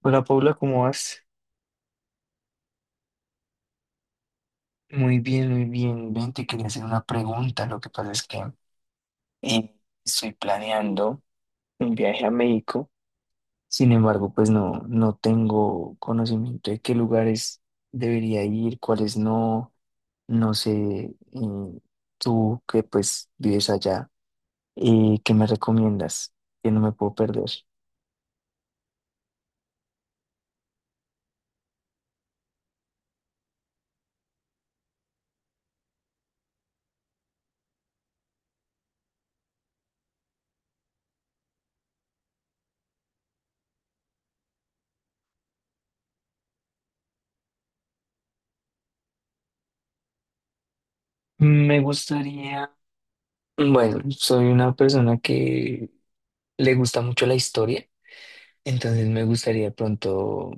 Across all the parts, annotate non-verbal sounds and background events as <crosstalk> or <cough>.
Hola Paula, ¿cómo vas? Muy bien, muy bien. Ven, te quería hacer una pregunta. Lo que pasa es que eh, estoy planeando un viaje a México. Sin embargo, pues no tengo conocimiento de qué lugares debería ir, cuáles no. No sé, eh, tú que pues vives allá, ¿qué me recomiendas? Que no me puedo perder. Me gustaría, bueno, soy una persona que le gusta mucho la historia. Entonces me gustaría de pronto,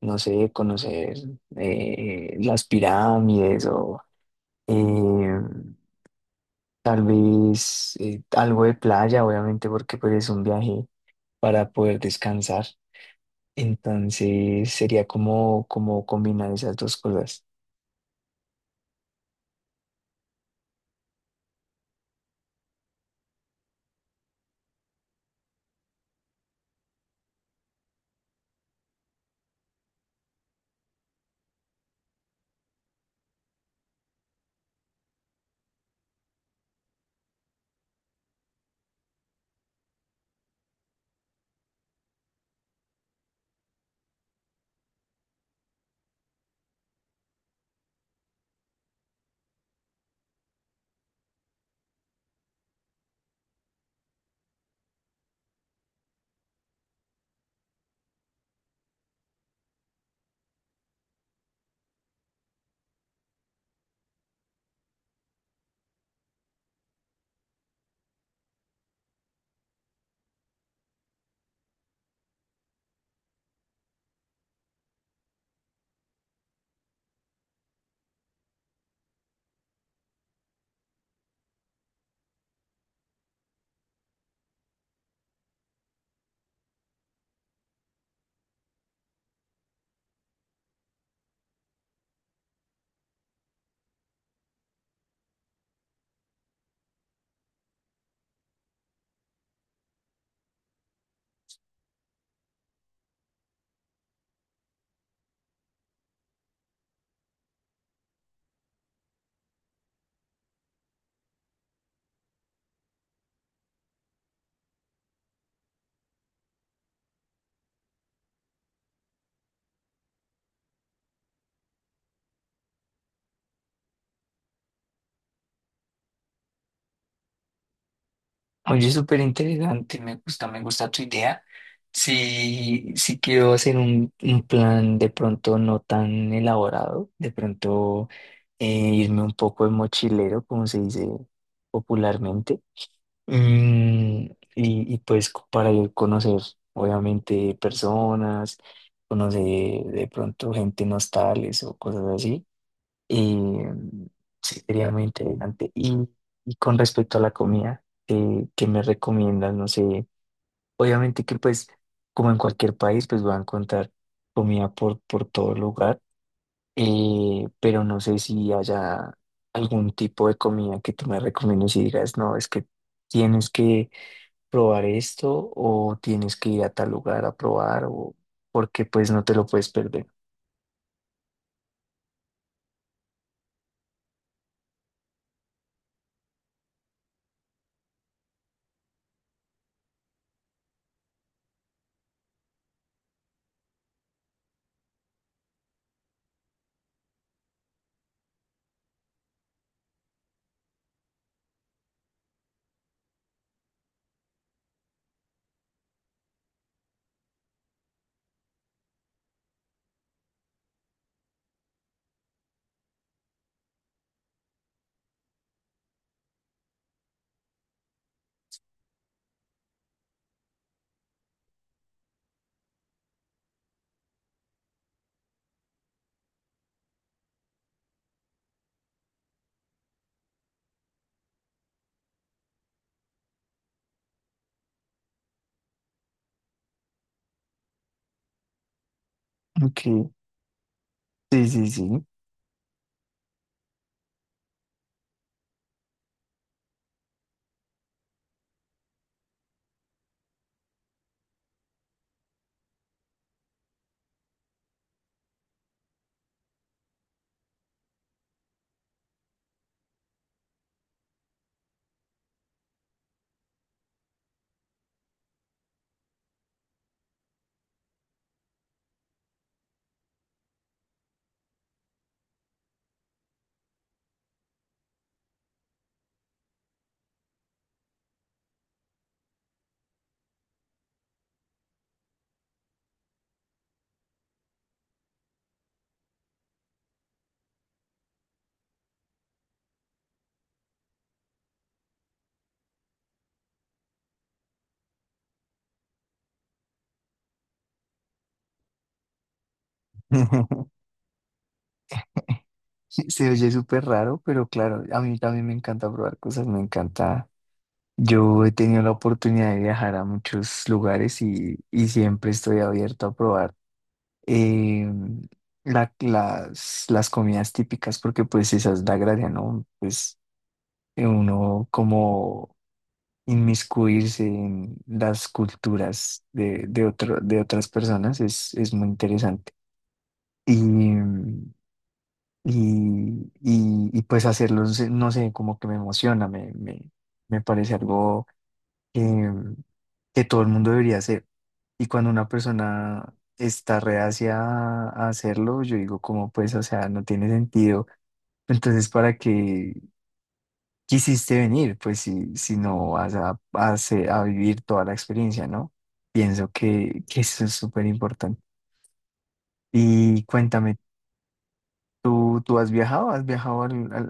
no sé, conocer las pirámides o eh, tal vez algo de playa, obviamente, porque pues es un viaje para poder descansar. Entonces sería como combinar esas dos cosas. Oye, súper interesante, me gusta tu idea. Si, si quiero hacer un plan de pronto no tan elaborado, de pronto eh, irme un poco de mochilero, como se dice popularmente. Y pues para ir conocer, obviamente, personas, conocer de pronto gente nostales o cosas así. Y sí, sería muy interesante. Y con respecto a la comida, ¿qué me recomiendas? No sé, obviamente que pues, como en cualquier país, pues voy a encontrar comida por todo lugar, pero no sé si haya algún tipo de comida que tú me recomiendes y digas, no, es que tienes que probar esto o tienes que ir a tal lugar a probar, o porque pues no te lo puedes perder. Ok, sí, sí, sí. <laughs> <laughs> Se oye súper raro, pero claro, a mí también me encanta probar cosas, me encanta. Yo he tenido la oportunidad de viajar a muchos lugares y siempre estoy abierto a probar eh, las comidas típicas, porque pues esa es la gracia, ¿no? Pues uno como inmiscuirse en las culturas de otras personas es muy interesante. Y, y pues hacerlos, no sé, como que me emociona, me parece algo que, que todo el mundo debería hacer. Y cuando una persona está reacia a hacerlo, yo digo como pues, o sea, no tiene sentido. Entonces, ¿para qué quisiste venir? Pues si, si no vas a vivir toda la experiencia, ¿no? Pienso que eso es súper importante. Y cuéntame, ¿tú has viajado? ¿Has viajado a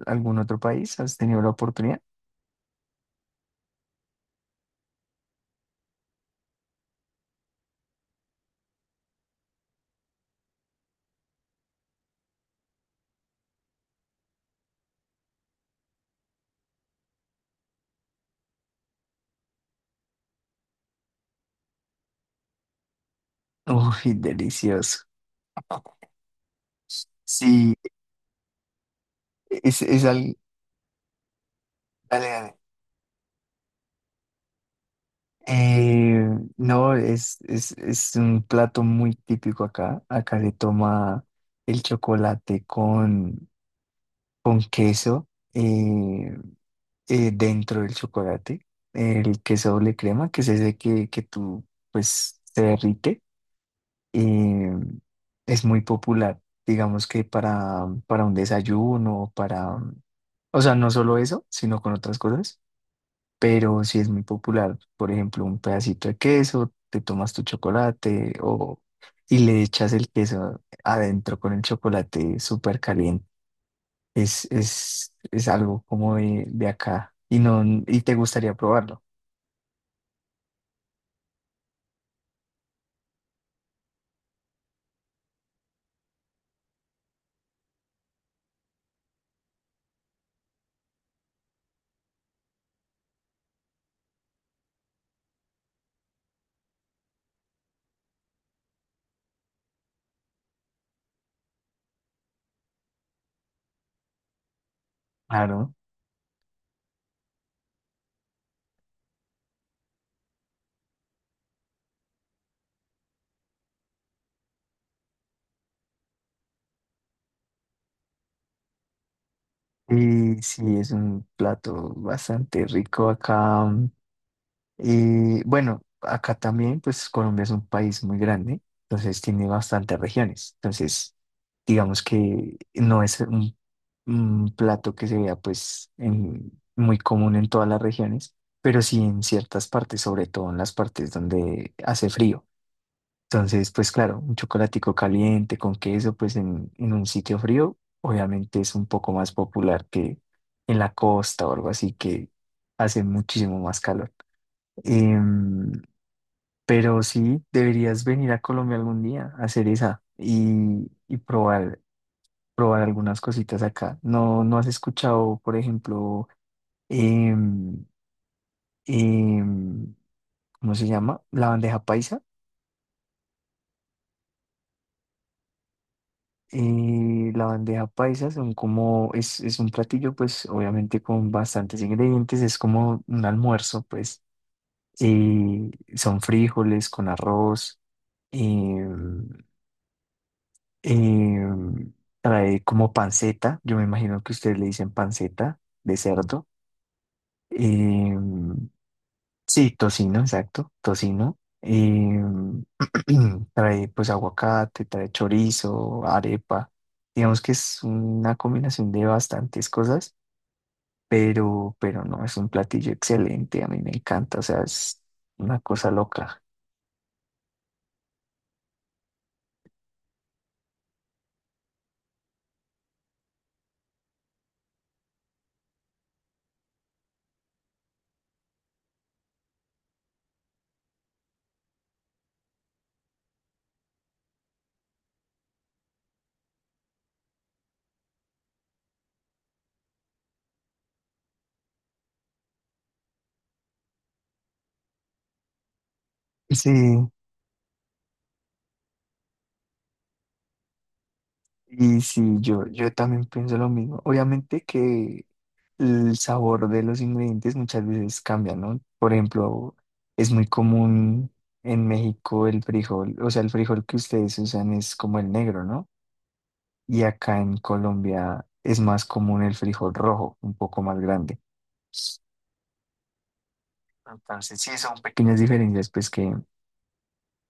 algún otro país? ¿Has tenido la oportunidad? Uy, delicioso. Sí, es, es al- dale, dale. Eh, no, es un plato muy típico acá. Acá le toma el chocolate con queso eh, dentro del chocolate. El queso doble crema, que es ese que tú, pues, se derrite. Y es muy popular, digamos que para un desayuno, para, o sea, no solo eso, sino con otras cosas, pero sí es muy popular, por ejemplo, un pedacito de queso, te tomas tu chocolate o, y le echas el queso adentro con el chocolate súper caliente. Es algo como de acá y, no, y te gustaría probarlo, claro. Y sí, es un plato bastante rico acá. Y bueno, acá también, pues Colombia es un país muy grande, entonces tiene bastantes regiones. Entonces, digamos que no es un plato que se vea pues muy común en todas las regiones, pero sí en ciertas partes, sobre todo en las partes donde hace frío. Entonces, pues claro, un chocolatico caliente con queso, pues en un sitio frío, obviamente es un poco más popular que en la costa o algo así que hace muchísimo más calor. Em, pero sí, deberías venir a Colombia algún día a hacer esa y probar, probar algunas cositas acá. ¿No, no has escuchado, por ejemplo, em, em, ¿cómo se llama? La bandeja paisa. La bandeja paisa son como, es un platillo, pues obviamente con bastantes ingredientes, es como un almuerzo, pues. eh, Son frijoles con arroz. em, Eh, Trae como panceta, yo me imagino que ustedes le dicen panceta de cerdo. Eh, sí, tocino, exacto, tocino. <clears throat> Trae pues aguacate, trae chorizo, arepa. Digamos que es una combinación de bastantes cosas, pero no, es un platillo excelente, a mí me encanta, o sea, es una cosa loca. Sí, y sí, yo también pienso lo mismo. Obviamente que el sabor de los ingredientes muchas veces cambia, ¿no? Por ejemplo, es muy común en México el frijol, o sea, el frijol que ustedes usan es como el negro, ¿no? Y acá en Colombia es más común el frijol rojo, un poco más grande. Entonces, sí, son pequeñas diferencias, pues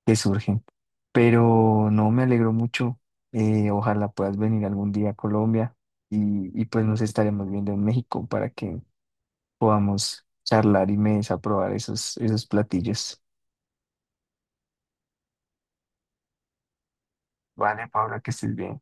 que surgen. Pero no, me alegro mucho. Ojalá puedas venir algún día a Colombia y pues nos estaremos viendo en México para que podamos charlar y me des a probar esos, esos platillos. Vale, Paula, que estés bien.